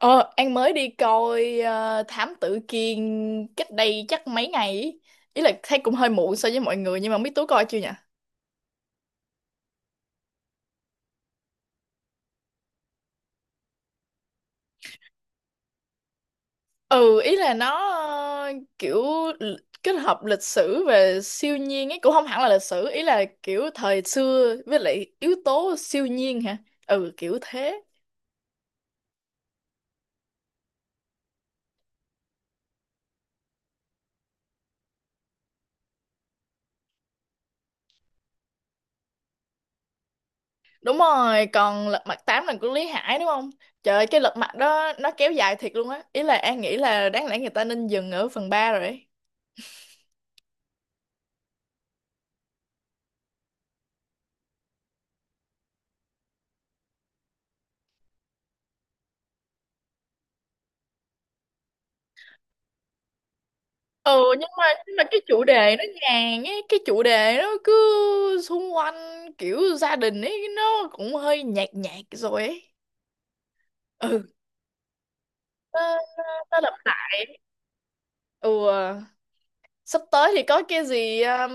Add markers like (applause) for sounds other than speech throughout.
Ờ, An mới đi coi Thám Tử Kiên cách đây chắc mấy ngày ý. Ý là thấy cũng hơi muộn so với mọi người, nhưng mà biết Tú coi chưa nhỉ? Ừ, ý là nó kiểu l- kết hợp lịch sử về siêu nhiên ấy, cũng không hẳn là lịch sử, ý là kiểu thời xưa với lại yếu tố siêu nhiên hả? Ừ, kiểu thế. Đúng rồi, còn Lật Mặt tám là của Lý Hải đúng không? Trời ơi, cái Lật Mặt đó nó kéo dài thiệt luôn á. Ý là An nghĩ là đáng lẽ người ta nên dừng ở phần 3 rồi ấy. Ừ, nhưng mà cái chủ đề nó nhàn ấy, cái chủ đề nó cứ xung quanh kiểu gia đình ấy, nó cũng hơi nhạt nhạt rồi ấy. Ừ. nó, nó, nó lặp lại. Ừ à. Sắp tới thì có cái gì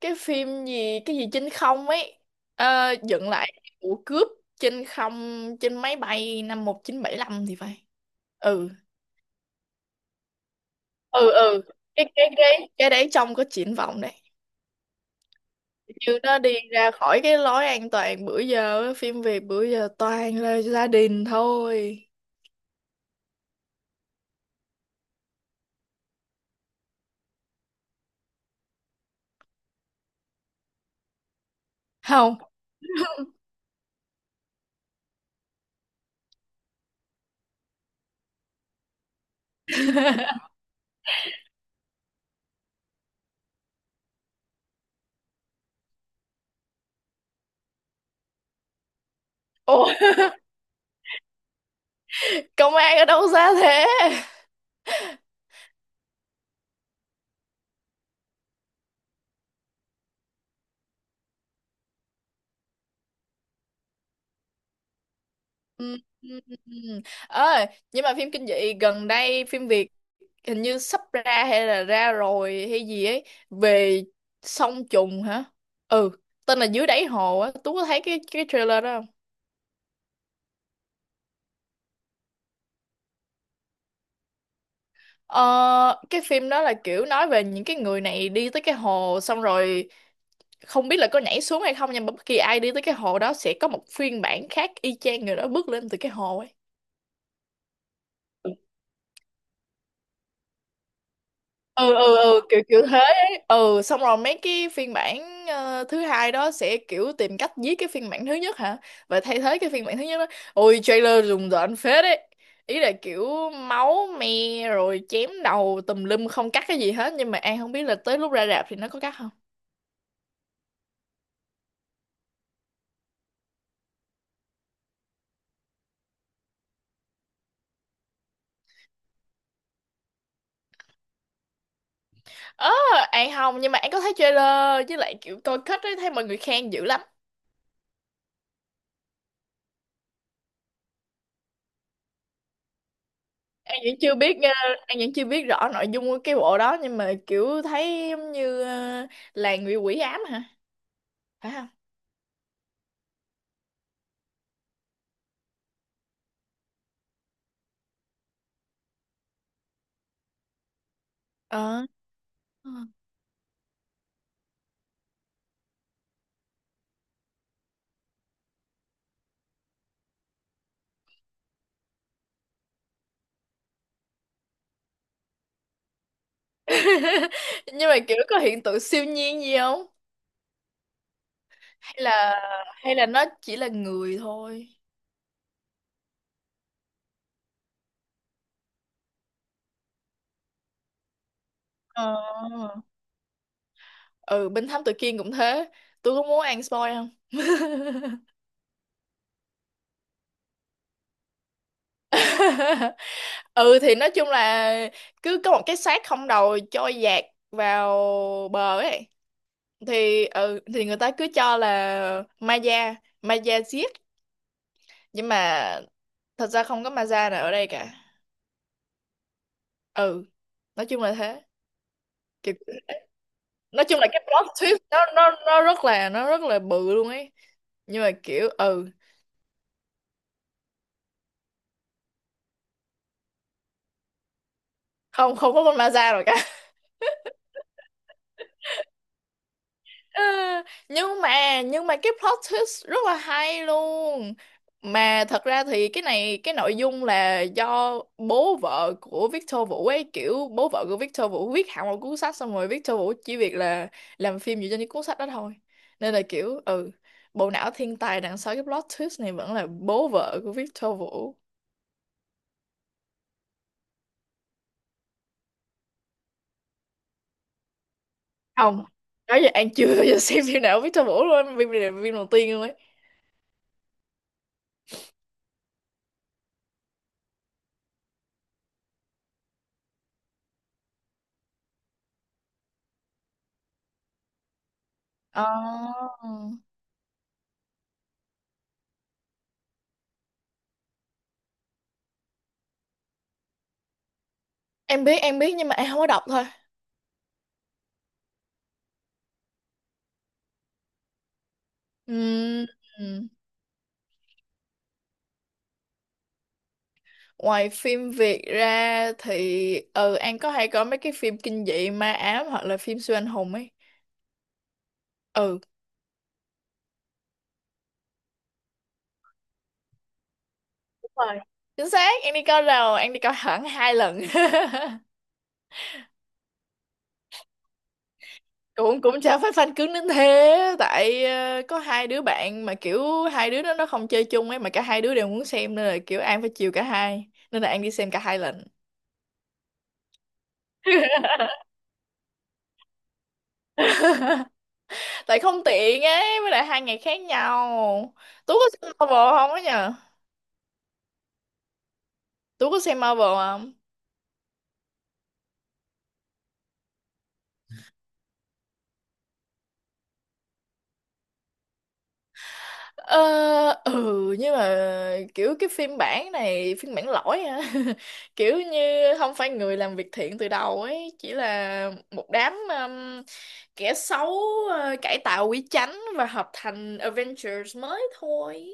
cái phim gì, cái gì trên không ấy. Ờ, dựng lại vụ cướp trên không, trên máy bay năm 1975 thì phải. Ừ. Ừ ừ. Cái đấy trông có triển vọng đấy. Như nó đi ra khỏi cái lối an toàn bữa giờ á, phim Việt bữa giờ toàn là gia đình thôi. Không. (laughs) Ủa, công an ở đâu ra thế? Ừ. Ừ, ừ, ừ. Ơi, nhưng mà phim kinh dị gần đây, phim Việt hình như sắp ra hay là ra rồi hay gì ấy, về song trùng hả? Ừ, tên là Dưới Đáy Hồ á, Tú có thấy cái trailer đó không? Ờ, cái phim đó là kiểu nói về những cái người này đi tới cái hồ, xong rồi không biết là có nhảy xuống hay không, nhưng mà bất kỳ ai đi tới cái hồ đó sẽ có một phiên bản khác y chang người đó bước lên từ cái hồ ấy. Ừ kiểu kiểu thế ấy. Ừ, xong rồi mấy cái phiên bản thứ hai đó sẽ kiểu tìm cách giết cái phiên bản thứ nhất hả, và thay thế cái phiên bản thứ nhất đó. Ôi, trailer rùng rợn phết đấy. Ý là kiểu máu me rồi chém đầu tùm lum, không cắt cái gì hết, nhưng mà An không biết là tới lúc ra rạp thì nó có cắt không. Ờ, An không, nhưng mà An có thấy trailer, với lại kiểu coi kết ấy, thấy mọi người khen dữ lắm. An vẫn chưa biết, An vẫn chưa biết rõ nội dung của cái bộ đó, nhưng mà kiểu thấy giống như làng bị quỷ ám hả? Phải không? Ờ. (laughs) Nhưng mà kiểu có hiện tượng siêu nhiên gì không? Hay là nó chỉ là người thôi? Ờ. Ừ, bên Thám Tử Kiên cũng thế. Tôi có muốn ăn spoil không? (laughs) Ừ, thì nói chung là cứ có một cái xác không đầu trôi dạt vào bờ ấy, thì ừ thì người ta cứ cho là ma da, ma da giết, nhưng mà thật ra không có maza nào ở đây cả. Ừ, nói chung là thế. Kiểu, nói chung là cái plot twist nó rất là bự luôn ấy, nhưng mà kiểu ừ không, không có con maza rồi cả. Ờ, nhưng mà cái plot twist rất là hay luôn. Mà thật ra thì cái này, cái nội dung là do bố vợ của Victor Vũ ấy, kiểu bố vợ của Victor Vũ viết hẳn một cuốn sách, xong rồi Victor Vũ chỉ việc là làm phim dựa trên cái cuốn sách đó thôi. Nên là kiểu ừ, bộ não thiên tài đằng sau cái plot twist này vẫn là bố vợ của Victor Vũ. Không, nói giờ An chưa bao giờ xem phim nào của Victor Vũ luôn, phim này là phim đầu tiên luôn ấy. Ờ, em biết, em biết, nhưng mà em không có đọc thôi. Ừm, ừm. Ngoài phim Việt ra thì ừ An có hay có mấy cái phim kinh dị ma ám hoặc là phim siêu anh hùng ấy. Ừ, đúng rồi. Chính xác, An đi coi rồi, An đi coi hẳn 2 lần. (laughs) Cũng cũng chả phải fan cứng đến thế, tại có hai đứa bạn mà kiểu hai đứa đó nó không chơi chung ấy, mà cả hai đứa đều muốn xem, nên là kiểu An phải chiều cả hai, nên là An đi xem cả 2 lần. Tại không tiện ấy, với lại 2 ngày khác nhau. Tú có xem Marvel không á nhờ? Tú có xem Marvel không? Ờ, ừ nhưng mà kiểu cái phiên bản này phiên bản lỗi hả? (laughs) Kiểu như không phải người làm việc thiện từ đầu ấy, chỉ là một đám kẻ xấu cải tạo quý chánh và hợp thành Avengers mới thôi.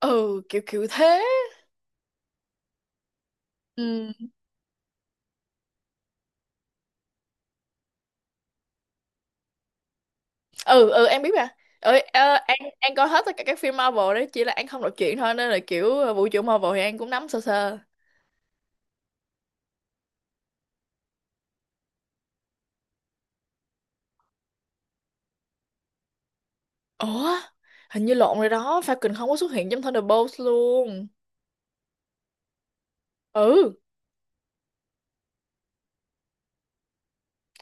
Ừ, kiểu kiểu thế. Ừ ừ. Ừ, em biết mà. Ừ, ờ. An coi hết tất cả các phim Marvel đấy, chỉ là An không đọc truyện thôi, nên là kiểu vũ trụ Marvel thì An cũng nắm sơ sơ. Ủa, hình như lộn rồi đó, Falcon không có xuất hiện trong Thunderbolts luôn. Ừ.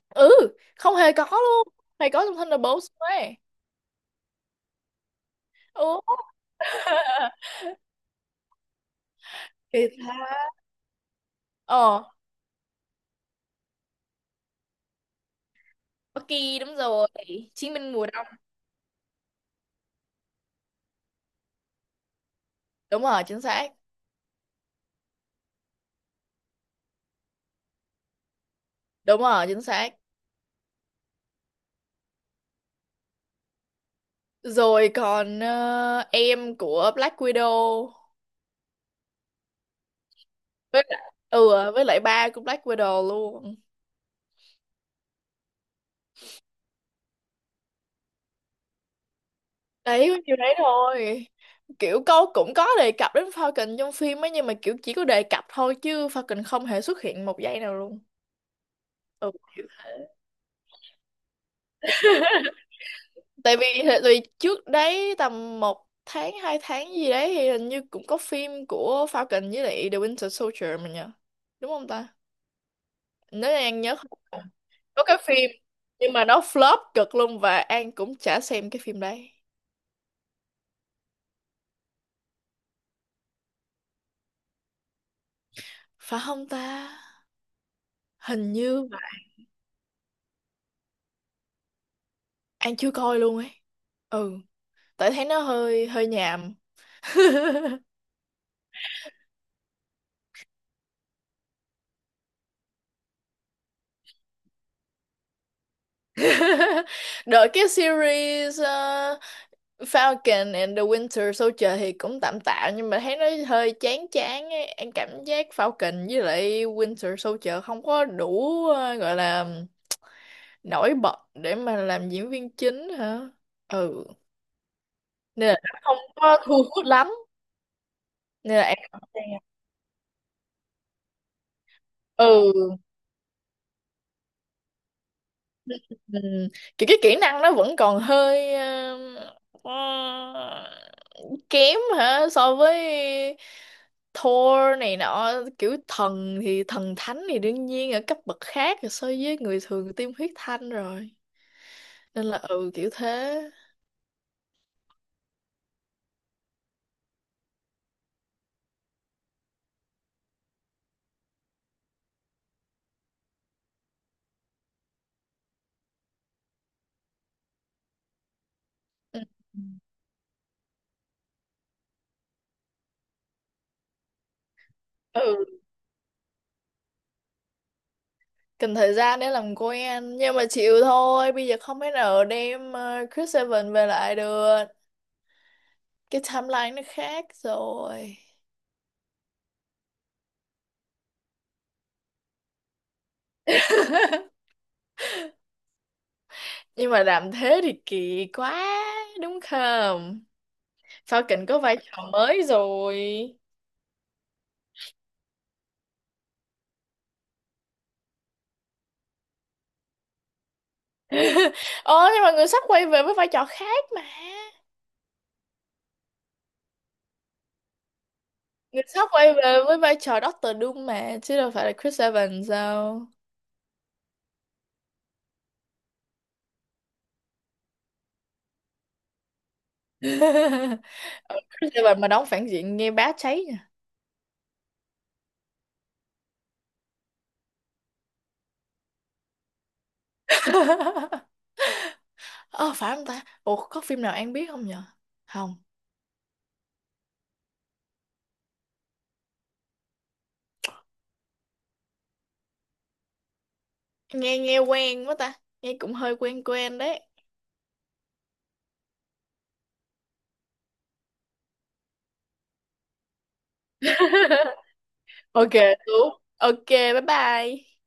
Ừ, không hề có luôn. Hề có trong Thunderbolts ấy. Ừ. (laughs) Kỳ thật. Ờ. Bucky đúng rồi. Chiến binh mùa đông. Đúng rồi, chính xác. Đúng rồi, chính xác. Rồi còn em của Black Widow. Với lại ừ với lại ba của Black Widow luôn. Đấy, có nhiêu đấy thôi. Kiểu cô cũng có đề cập đến Falcon trong phim ấy, nhưng mà kiểu chỉ có đề cập thôi, chứ Falcon không hề xuất hiện 1 giây nào luôn. Ừ, kiểu thế. Tại vì trước đấy tầm một tháng hai tháng gì đấy, thì hình như cũng có phim của Falcon với lại The Winter Soldier mà nhờ? Đúng không ta? Nếu như An nhớ không. Có cái phim, nhưng mà nó flop cực luôn, và An cũng chả xem cái phim đấy. Phải không ta? Hình như mà An chưa coi luôn ấy. Ừ, tại thấy nó hơi hơi nhàm. (laughs) Đợi, cái series Falcon and the Winter Soldier thì cũng tạm tạm, nhưng mà thấy nó hơi chán chán ấy. Em cảm giác Falcon với lại Winter Soldier không có đủ gọi là nổi bật để mà làm diễn viên chính hả? Ừ. Nên là nó không có thu hút lắm. Nên là em không xem. Ừ. Ừ. Kiểu cái kỹ năng nó vẫn còn hơi ờ, kém hả, so với Thor này nọ. Kiểu thần thì thần thánh thì đương nhiên ở cấp bậc khác rồi, so với người thường tiêm huyết thanh rồi. Nên là ừ, kiểu thế. Ừ. Ừ, cần thời gian để làm quen, nhưng mà chịu thôi, bây giờ không thể nào đem Chris Evans về lại được, cái timeline nó khác rồi. (laughs) Nhưng mà làm thế thì kỳ quá, đúng không? Sao Kỳnh có vai trò mới rồi. (laughs) Ồ, nhưng mà người sắp quay về với vai trò khác mà. Người sắp quay về với vai trò Doctor Doom mà, chứ đâu phải là Chris Evans đâu. (laughs) Ờ, Chris Evans mà đóng phản diện nghe bá cháy nha. (laughs) Ờ, phải không ta? Ủa có phim nào An biết không nhở? Không. Nghe, nghe quen quá ta. Nghe cũng hơi quen quen đấy. (laughs) Ok. Đúng. Ok, bye bye.